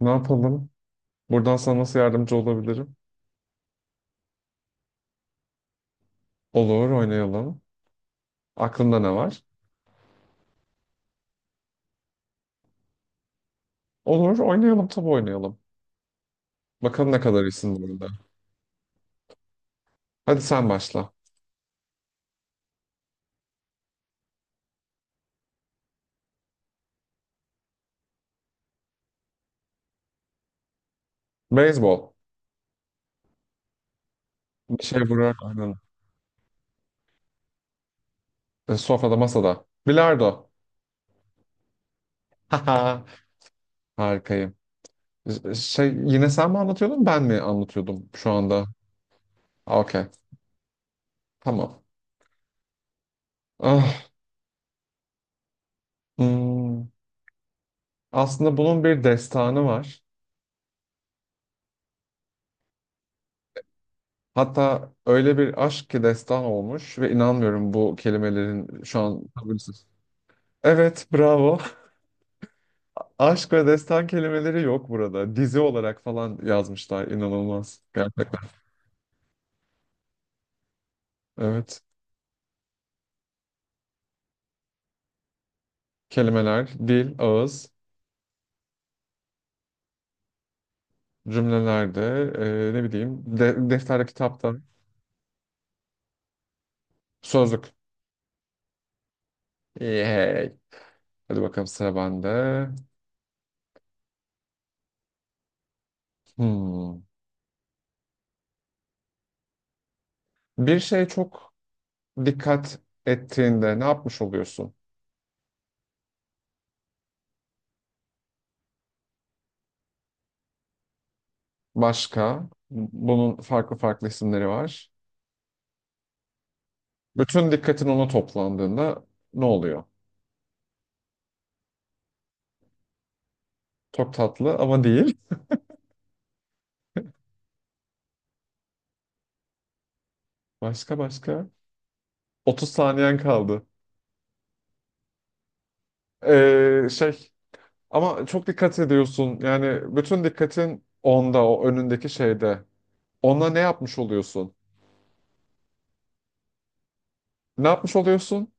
Ne yapalım? Buradan sana nasıl yardımcı olabilirim? Olur, oynayalım. Aklında ne var? Olur, oynayalım, tabii oynayalım. Bakalım ne kadar iyisin bu arada. Hadi sen başla. Beyzbol. Bir şey vurar. Aynen. Sofrada, masada. Bilardo. Haha. Harikayım. Yine sen mi anlatıyordun, ben mi anlatıyordum şu anda? Okey. Tamam. Ah, hmm. Aslında bunun bir destanı var. Hatta öyle bir aşk ki destan olmuş ve inanmıyorum bu kelimelerin şu an tabirsiz. Evet, bravo. Aşk ve destan kelimeleri yok burada. Dizi olarak falan yazmışlar. İnanılmaz. Gerçekten. Evet. Kelimeler, dil, ağız, cümlelerde, ne bileyim, defterde, kitapta, sözlük. Yay. Hadi bakalım sıra bende. Hmm. Bir şey çok dikkat ettiğinde ne yapmış oluyorsun? Başka, bunun farklı isimleri var. Bütün dikkatin ona toplandığında ne oluyor? Çok tatlı ama değil. Başka başka. 30 saniyen kaldı. Ee, şey Ama çok dikkat ediyorsun. Yani bütün dikkatin onda, o önündeki şeyde. Ona ne yapmış oluyorsun? Ne yapmış oluyorsun?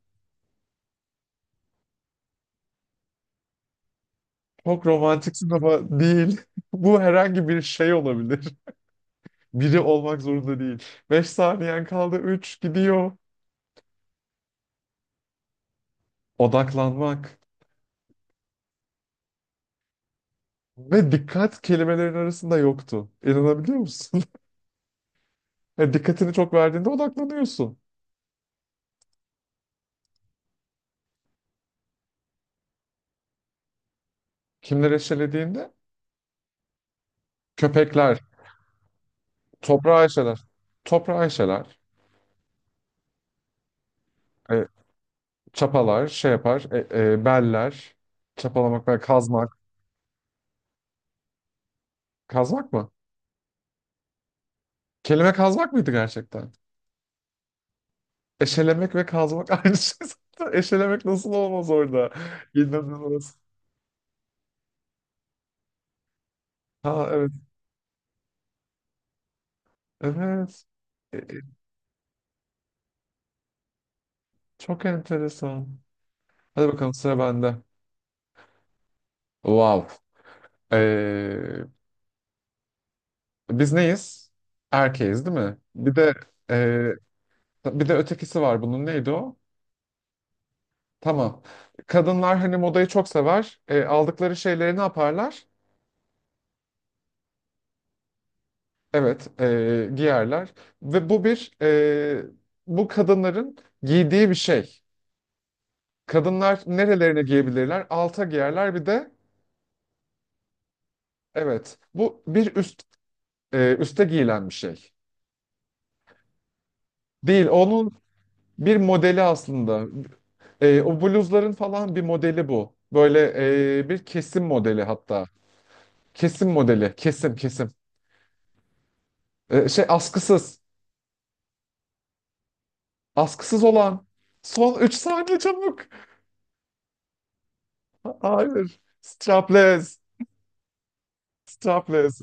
Çok romantiksin ama değil. Bu herhangi bir şey olabilir. Biri olmak zorunda değil. 5 saniyen kaldı. Üç gidiyor. Odaklanmak. Ve dikkat kelimelerin arasında yoktu. İnanabiliyor musun? Yani dikkatini çok verdiğinde odaklanıyorsun. Kimleri eşelediğinde? Köpekler. Toprağı eşeler. Toprağı eşeler. E, Çapalar, şey yapar. Beller. Çapalamak ve kazmak. Kazmak mı? Kelime kazmak mıydı gerçekten? Eşelemek ve kazmak aynı şey zaten. Eşelemek nasıl olmaz orada? İnanılmaz. Ha, evet. Evet. E, e, Çok enteresan. Hadi bakalım sıra bende. Wow. Ee, Biz neyiz? Erkeğiz değil mi? Ee, Bir de ötekisi var bunun. Neydi o? Tamam. Kadınlar hani modayı çok sever. Aldıkları şeyleri ne yaparlar? Evet, giyerler. Ve bu bir bu kadınların giydiği bir şey. Kadınlar nerelerine giyebilirler? Alta giyerler bir de evet. Bu bir üst üste giyilen bir şey. Değil, onun bir modeli aslında. O bluzların falan bir modeli bu. Böyle bir kesim modeli hatta. Kesim modeli, kesim, kesim. Askısız, askısız olan. Son 3 saniye çabuk. Hayır, strapless.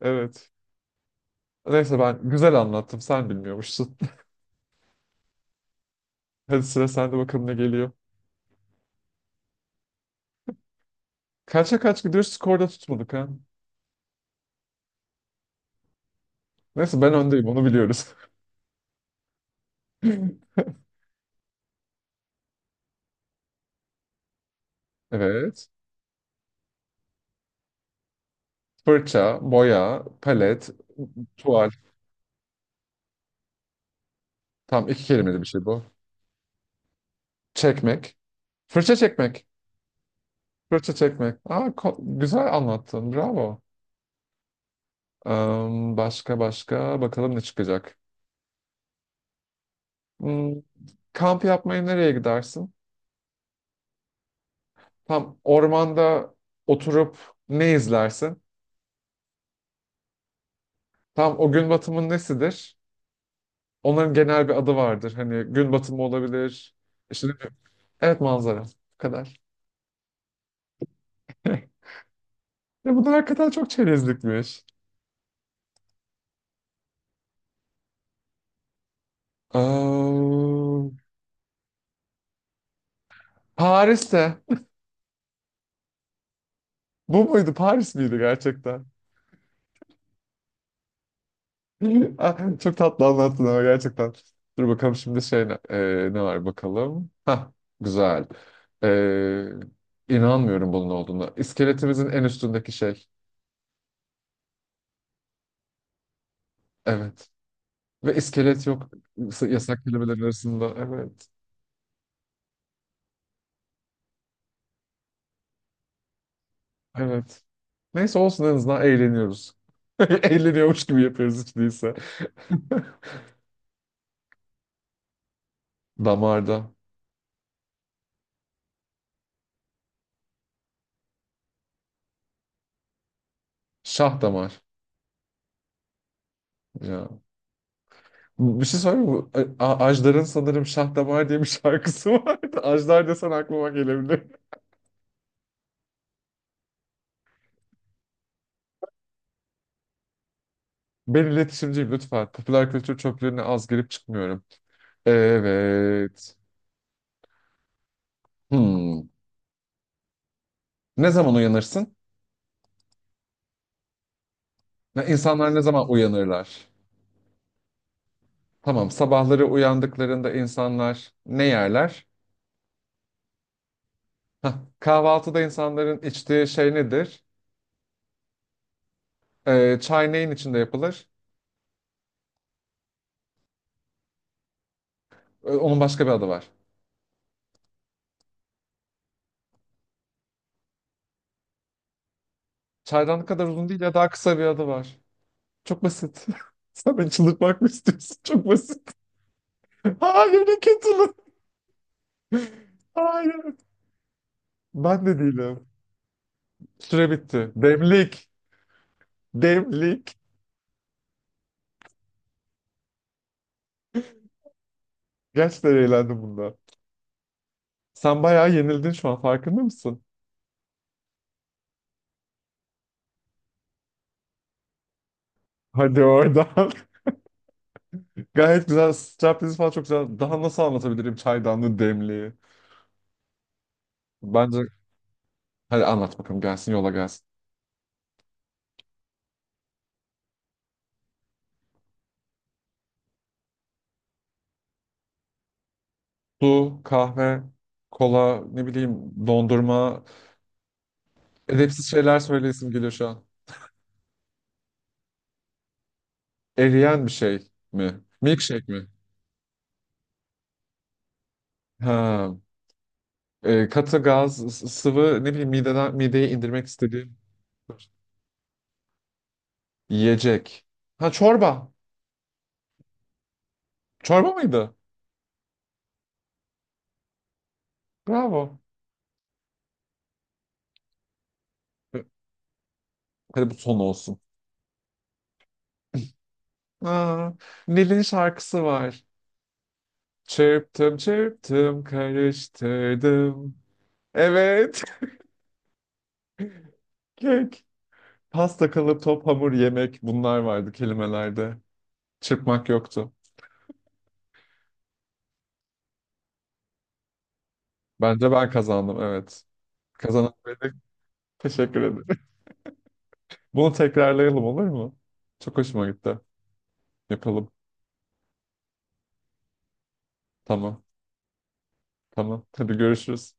Evet. Neyse ben güzel anlattım, sen bilmiyormuşsun. Hadi sıra sende bakalım ne geliyor. Kaça kaç gidiyoruz, skorda tutmadık ha. Neyse ben öndeyim, onu biliyoruz. Evet. Fırça, boya, palet, tuval. Tam iki kelimeli bir şey bu. Çekmek. Fırça çekmek. Fırça çekmek. Güzel anlattın. Bravo. Başka başka. Bakalım ne çıkacak. Hmm, Kamp yapmaya nereye gidersin? Tam ormanda oturup ne izlersin? Tam o gün batımın nesidir? Onların genel bir adı vardır. Hani gün batımı olabilir. İşte ne bileyim. Evet, manzara. Bu kadar. Ya bunlar hakikaten çok çerezlikmiş. Am, Paris'te. Bu muydu? Paris miydi gerçekten? Ah, çok tatlı anlattın ama gerçekten. Dur bakalım şimdi ne var bakalım. Hah, güzel. İnanmıyorum bunun olduğuna. İskeletimizin en üstündeki şey. Evet. Ve iskelet yok yasak kelimelerin arasında. Evet. Evet. Neyse olsun en azından eğleniyoruz. Eğleniyormuş gibi yapıyoruz hiç değilse. Damarda. Şah damar. Ya. Bir şey söyleyeyim mi? Ajdar'ın sanırım Şah Damar diye bir şarkısı vardı. Ajdar desen aklıma gelebilir. Ben iletişimciyim lütfen. Popüler kültür çöplüğüne az girip çıkmıyorum. Evet. Hmm. Ne zaman uyanırsın? Ne, insanlar ne zaman uyanırlar? Tamam, sabahları uyandıklarında insanlar ne yerler? Hah, kahvaltıda insanların içtiği şey nedir? Çay neyin içinde yapılır? Onun başka bir adı var. Çaydan kadar uzun değil ya daha kısa bir adı var. Çok basit. Sen beni çıldırtmak mı istiyorsun? Çok basit. Hayır, ne kötülük. Hayır. Ben de değilim. Süre bitti. Demlik. Demlik. Gerçekten eğlendim bunda. Sen bayağı yenildin şu an farkında mısın? Hadi oradan. Gayet güzel. Striptease falan çok güzel. Daha nasıl anlatabilirim çaydanlı demliği? Bence hadi anlat bakalım gelsin yola gelsin. Su, kahve, kola, ne bileyim dondurma. Edepsiz şeyler söyleyesim geliyor şu an. Eriyen bir şey mi? Milkshake mi? Ha. Katı gaz, sıvı ne bileyim mideye indirmek istediğim yiyecek. Ha, çorba. Çorba mıydı? Bravo. E, Hadi bu son olsun. Aa, Nil'in şarkısı var. Çırptım karıştırdım. Evet. Kek. Pasta, kalıp, top, hamur, yemek bunlar vardı kelimelerde. Çırpmak yoktu. Bence ben kazandım, evet. Kazanan benim. Teşekkür ederim. Bunu tekrarlayalım, olur mu? Çok hoşuma gitti. Yapalım. Tamam. Tamam. Hadi görüşürüz.